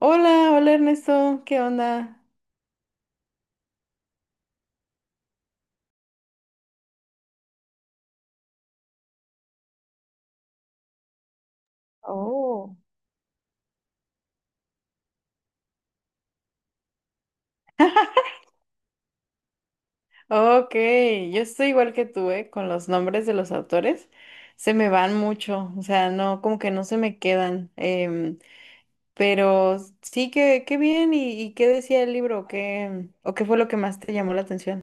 Hola, Ernesto, ¿qué onda? Oh. Ok, yo estoy igual que tú, ¿eh? Con los nombres de los autores. Se me van mucho, o sea, no, como que no se me quedan. Pero sí que, qué bien, ¿y qué decía el libro? ¿Qué, o qué fue lo que más te llamó la atención?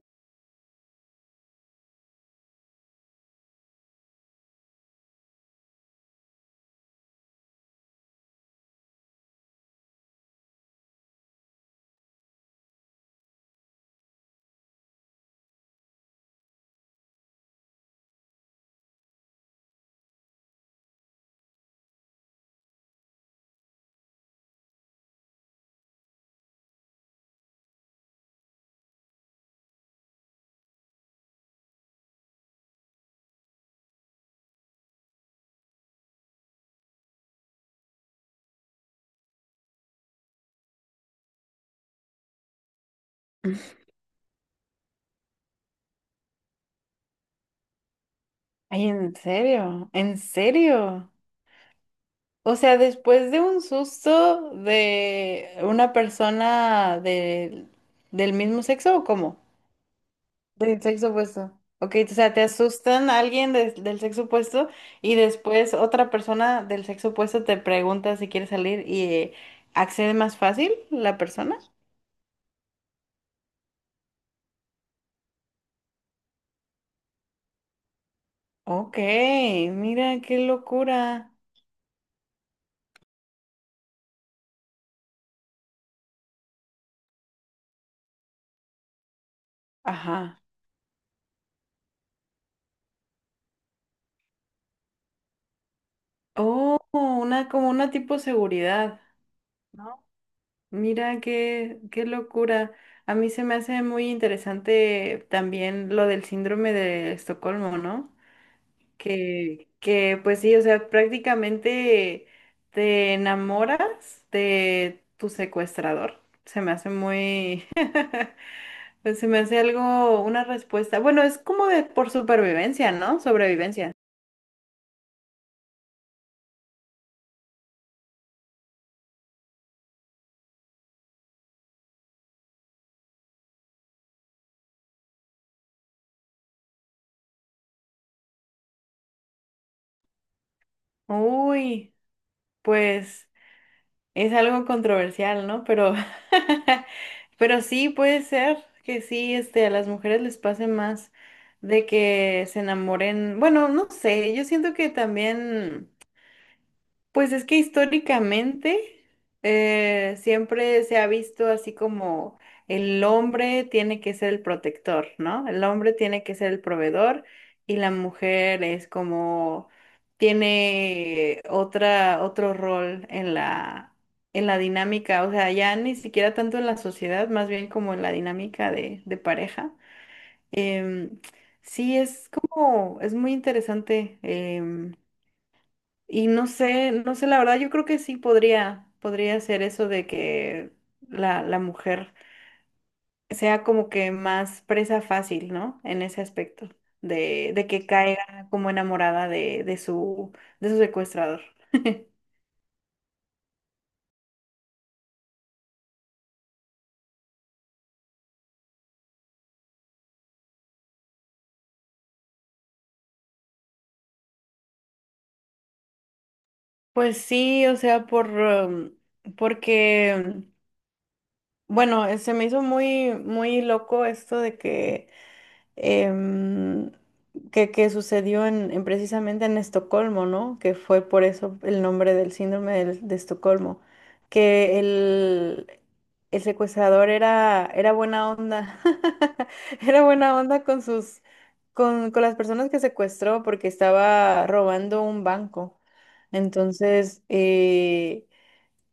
Ay, ¿en serio? ¿En serio? O sea, después de un susto de una del mismo sexo, ¿o cómo? Del sexo opuesto. Ok, o sea, te asustan a del sexo opuesto y después otra persona del sexo opuesto te pregunta si quiere salir y accede más fácil la persona. Ok, mira qué locura. Ajá. Oh, una como una tipo seguridad, ¿no? Mira qué, qué locura. A mí se me hace muy interesante también lo del síndrome de Estocolmo, ¿no? Que pues sí, o sea, prácticamente te enamoras de tu secuestrador. Se me hace muy, pues se me hace algo, una respuesta. Bueno, es como de por supervivencia, ¿no? Sobrevivencia. Uy, pues es algo controversial, ¿no? Pero, pero sí puede ser que sí, este, a las mujeres les pase más de que se enamoren. Bueno, no sé, yo siento que también. Pues es que históricamente siempre se ha visto así como el hombre tiene que ser el protector, ¿no? El hombre tiene que ser el proveedor y la mujer es como tiene otra, otro rol en la dinámica, o sea, ya ni siquiera tanto en la sociedad, más bien como en la dinámica de pareja. Em, sí, es como, es muy interesante. Y no sé, no sé, la verdad, yo creo que sí podría, podría ser eso de que la mujer sea como que más presa fácil, ¿no? En ese aspecto, de que caiga como enamorada de su secuestrador. Pues sí, o sea, porque, bueno, se me hizo muy, muy loco esto de que em, que sucedió en precisamente en Estocolmo, ¿no? Que fue por eso el nombre del de Estocolmo, que el secuestrador era, era buena onda, era buena onda con sus, con las personas que secuestró porque estaba robando un banco. Entonces,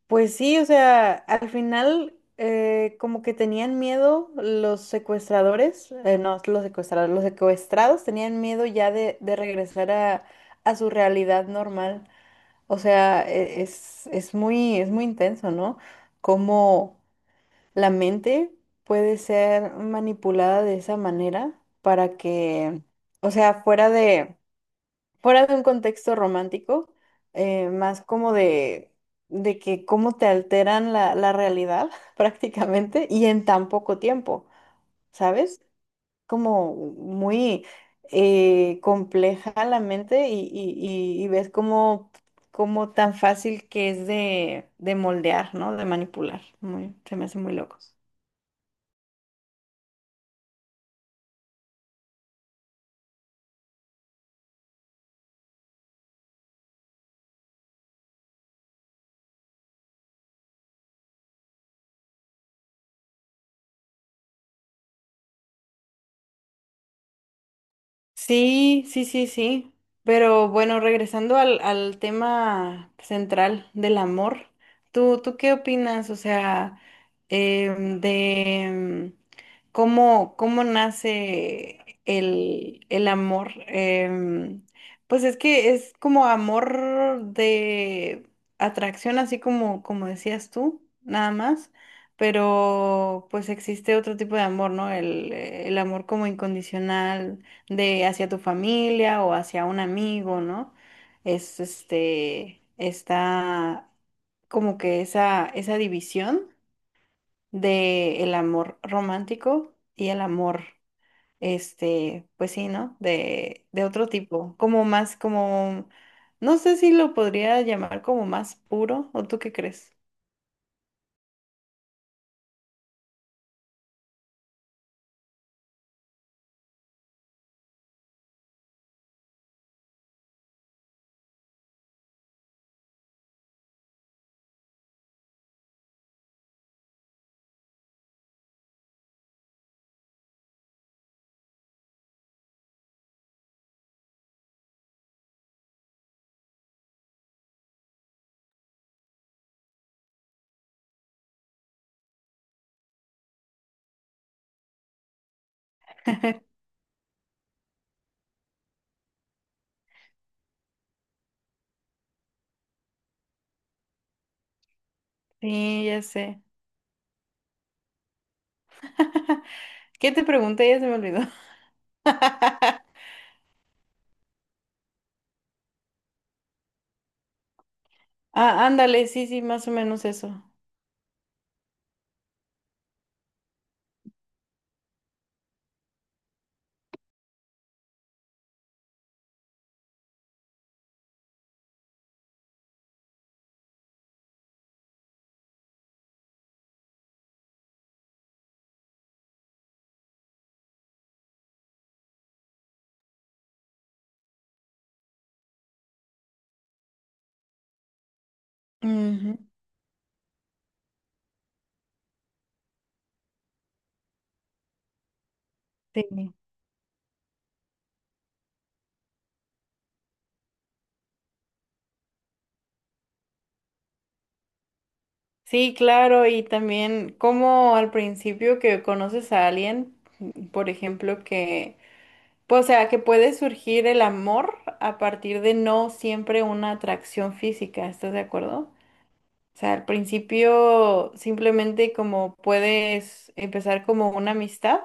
pues sí, o sea, al final como que tenían miedo los secuestradores, no, los secuestradores, los secuestrados tenían miedo ya de regresar a su realidad normal. O sea, es muy intenso, ¿no? Cómo la mente puede ser manipulada de esa manera para que, o sea, fuera fuera de un contexto romántico, más como de que cómo te alteran la, la realidad prácticamente y en tan poco tiempo, ¿sabes? Como muy compleja la mente y ves cómo, cómo tan fácil que es de moldear, ¿no? De manipular. Muy, se me hace muy loco. Sí, sí, sí, sí. Pero bueno, regresando al, al tema central del amor, ¿tú, tú qué opinas? O sea, em, de em, cómo, cómo nace el amor. Pues es que es como amor de atracción, así como, como decías tú, nada más. Pero pues existe otro tipo de amor, ¿no? El amor como incondicional de hacia tu familia o hacia un amigo, ¿no? Es este, está como que esa división de el amor romántico y el amor, este, pues sí, ¿no? De otro tipo, como más, como, no sé si lo podría llamar como más puro, ¿o tú qué crees? Sí, ya sé. ¿Qué te pregunté? Ya se me olvidó. Ah, ándale, sí, sí, más o menos eso. Ujú. Sí. Sí, claro, y también como al principio que conoces a alguien, por ejemplo, que, pues, o sea, que puede surgir el amor a partir de no siempre una atracción física, ¿estás de acuerdo? O sea, al principio simplemente como puedes empezar como una amistad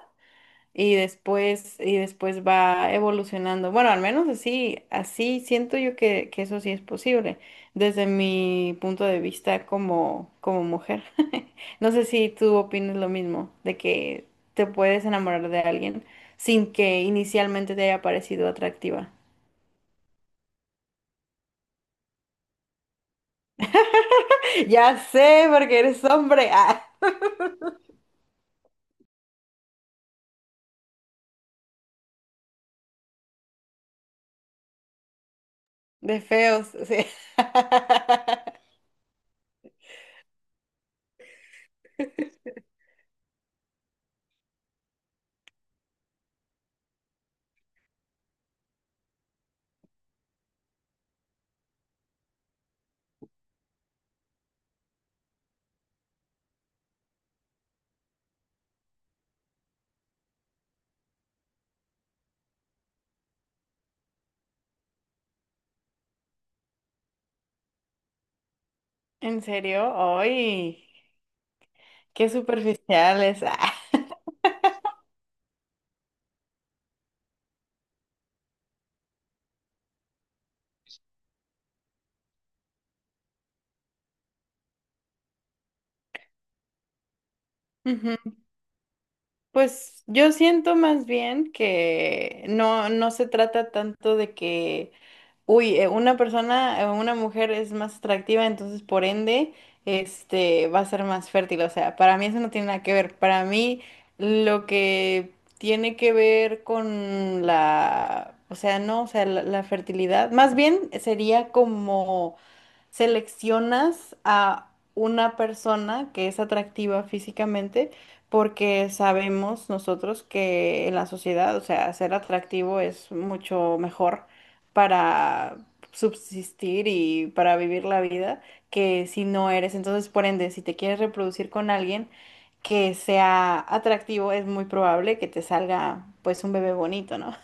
y después va evolucionando. Bueno, al menos así, así siento yo que eso sí es posible, desde mi punto de vista como, como mujer. No sé si tú opinas lo mismo, de que te puedes enamorar de alguien sin que inicialmente te haya parecido atractiva. Ya sé, porque eres hombre. Ah, de feos, sí. ¿En serio? ¡Ay! ¡Qué superficiales! Ah. Ujú. Pues yo siento más bien que no, no se trata tanto de que, una persona, una mujer es más atractiva, entonces por ende, este, va a ser más fértil. O sea, para mí eso no tiene nada que ver. Para mí lo que tiene que ver con la, o sea, no, o sea, la fertilidad, más bien sería como seleccionas a una persona que es atractiva físicamente porque sabemos nosotros que en la sociedad, o sea, ser atractivo es mucho mejor para subsistir y para vivir la vida que si no eres. Entonces, por ende, si te quieres reproducir con alguien que sea atractivo, es muy probable que te salga pues un bebé bonito, ¿no?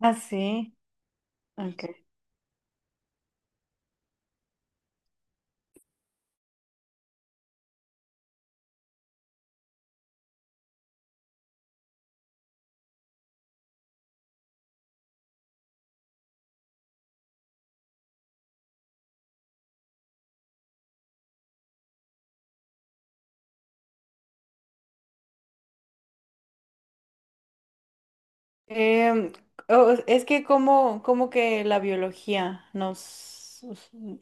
Ah, sí. Ok. Em, es que como, como que la biología nos,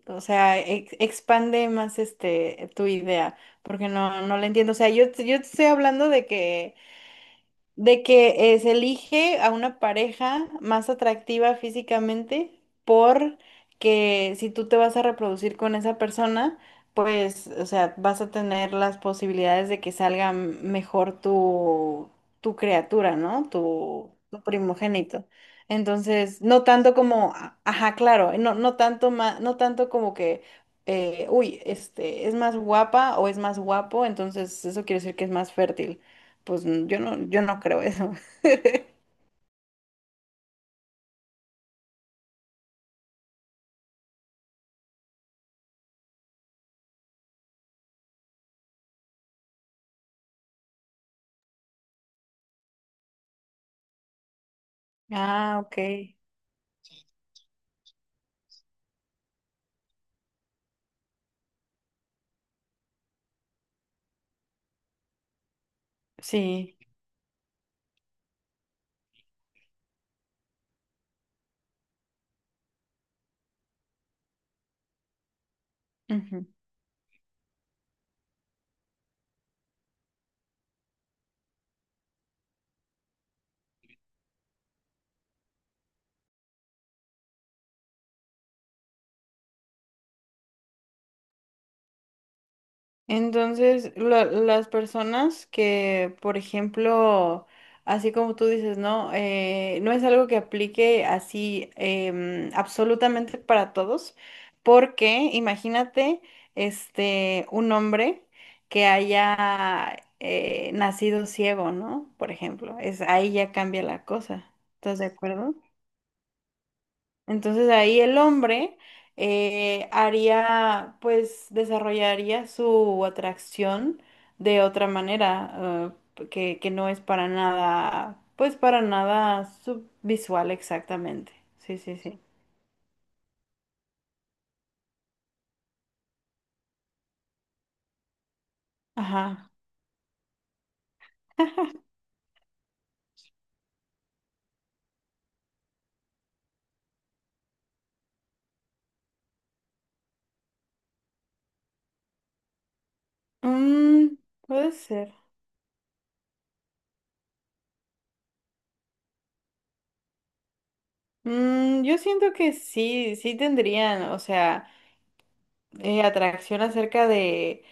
o sea, expande más este tu idea, porque no, no la entiendo. O sea, yo te estoy hablando de que se elige a una pareja más atractiva físicamente porque si tú te vas a reproducir con esa persona, pues, o sea, vas a tener las posibilidades de que salga mejor tu, tu criatura, ¿no? Tu primogénito. Entonces, no tanto como, ajá, claro, no, no tanto no tanto como que, este, es más guapa o es más guapo, entonces eso quiere decir que es más fértil. Pues yo no, yo no creo eso. Ah, ok. Sí. Ujú. Entonces, las personas que, por ejemplo, así como tú dices, ¿no? No es algo que aplique así absolutamente para todos, porque imagínate, este, un hombre que haya nacido ciego, ¿no? Por ejemplo, es, ahí ya cambia la cosa. ¿Estás de acuerdo? Entonces ahí el hombre haría, pues desarrollaría su atracción de otra manera, que no es para nada, pues para nada subvisual exactamente. Sí, sí, sí. Ajá. Mm, puede ser. Mm, yo siento que sí, sí tendrían, o sea, atracción acerca de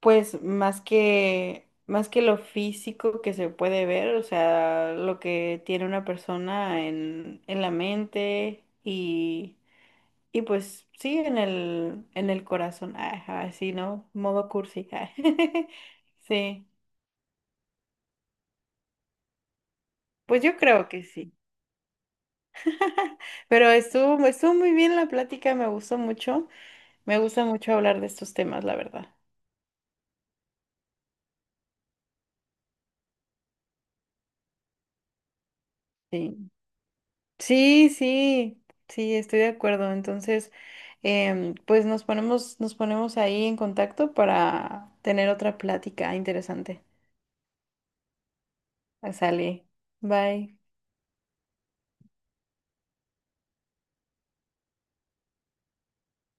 pues más que lo físico que se puede ver, o sea, lo que tiene una persona en la mente y pues sí, en el corazón, ajá, así, ¿no? Modo cursi. Ah. Sí, pues yo creo que sí. Pero estuvo, estuvo muy bien la plática, me gustó mucho. Me gusta mucho hablar de estos temas, la verdad. Sí. Sí, sí, sí, estoy de acuerdo. Entonces, pues nos ponemos ahí en contacto para tener otra plática interesante. Sale. Bye.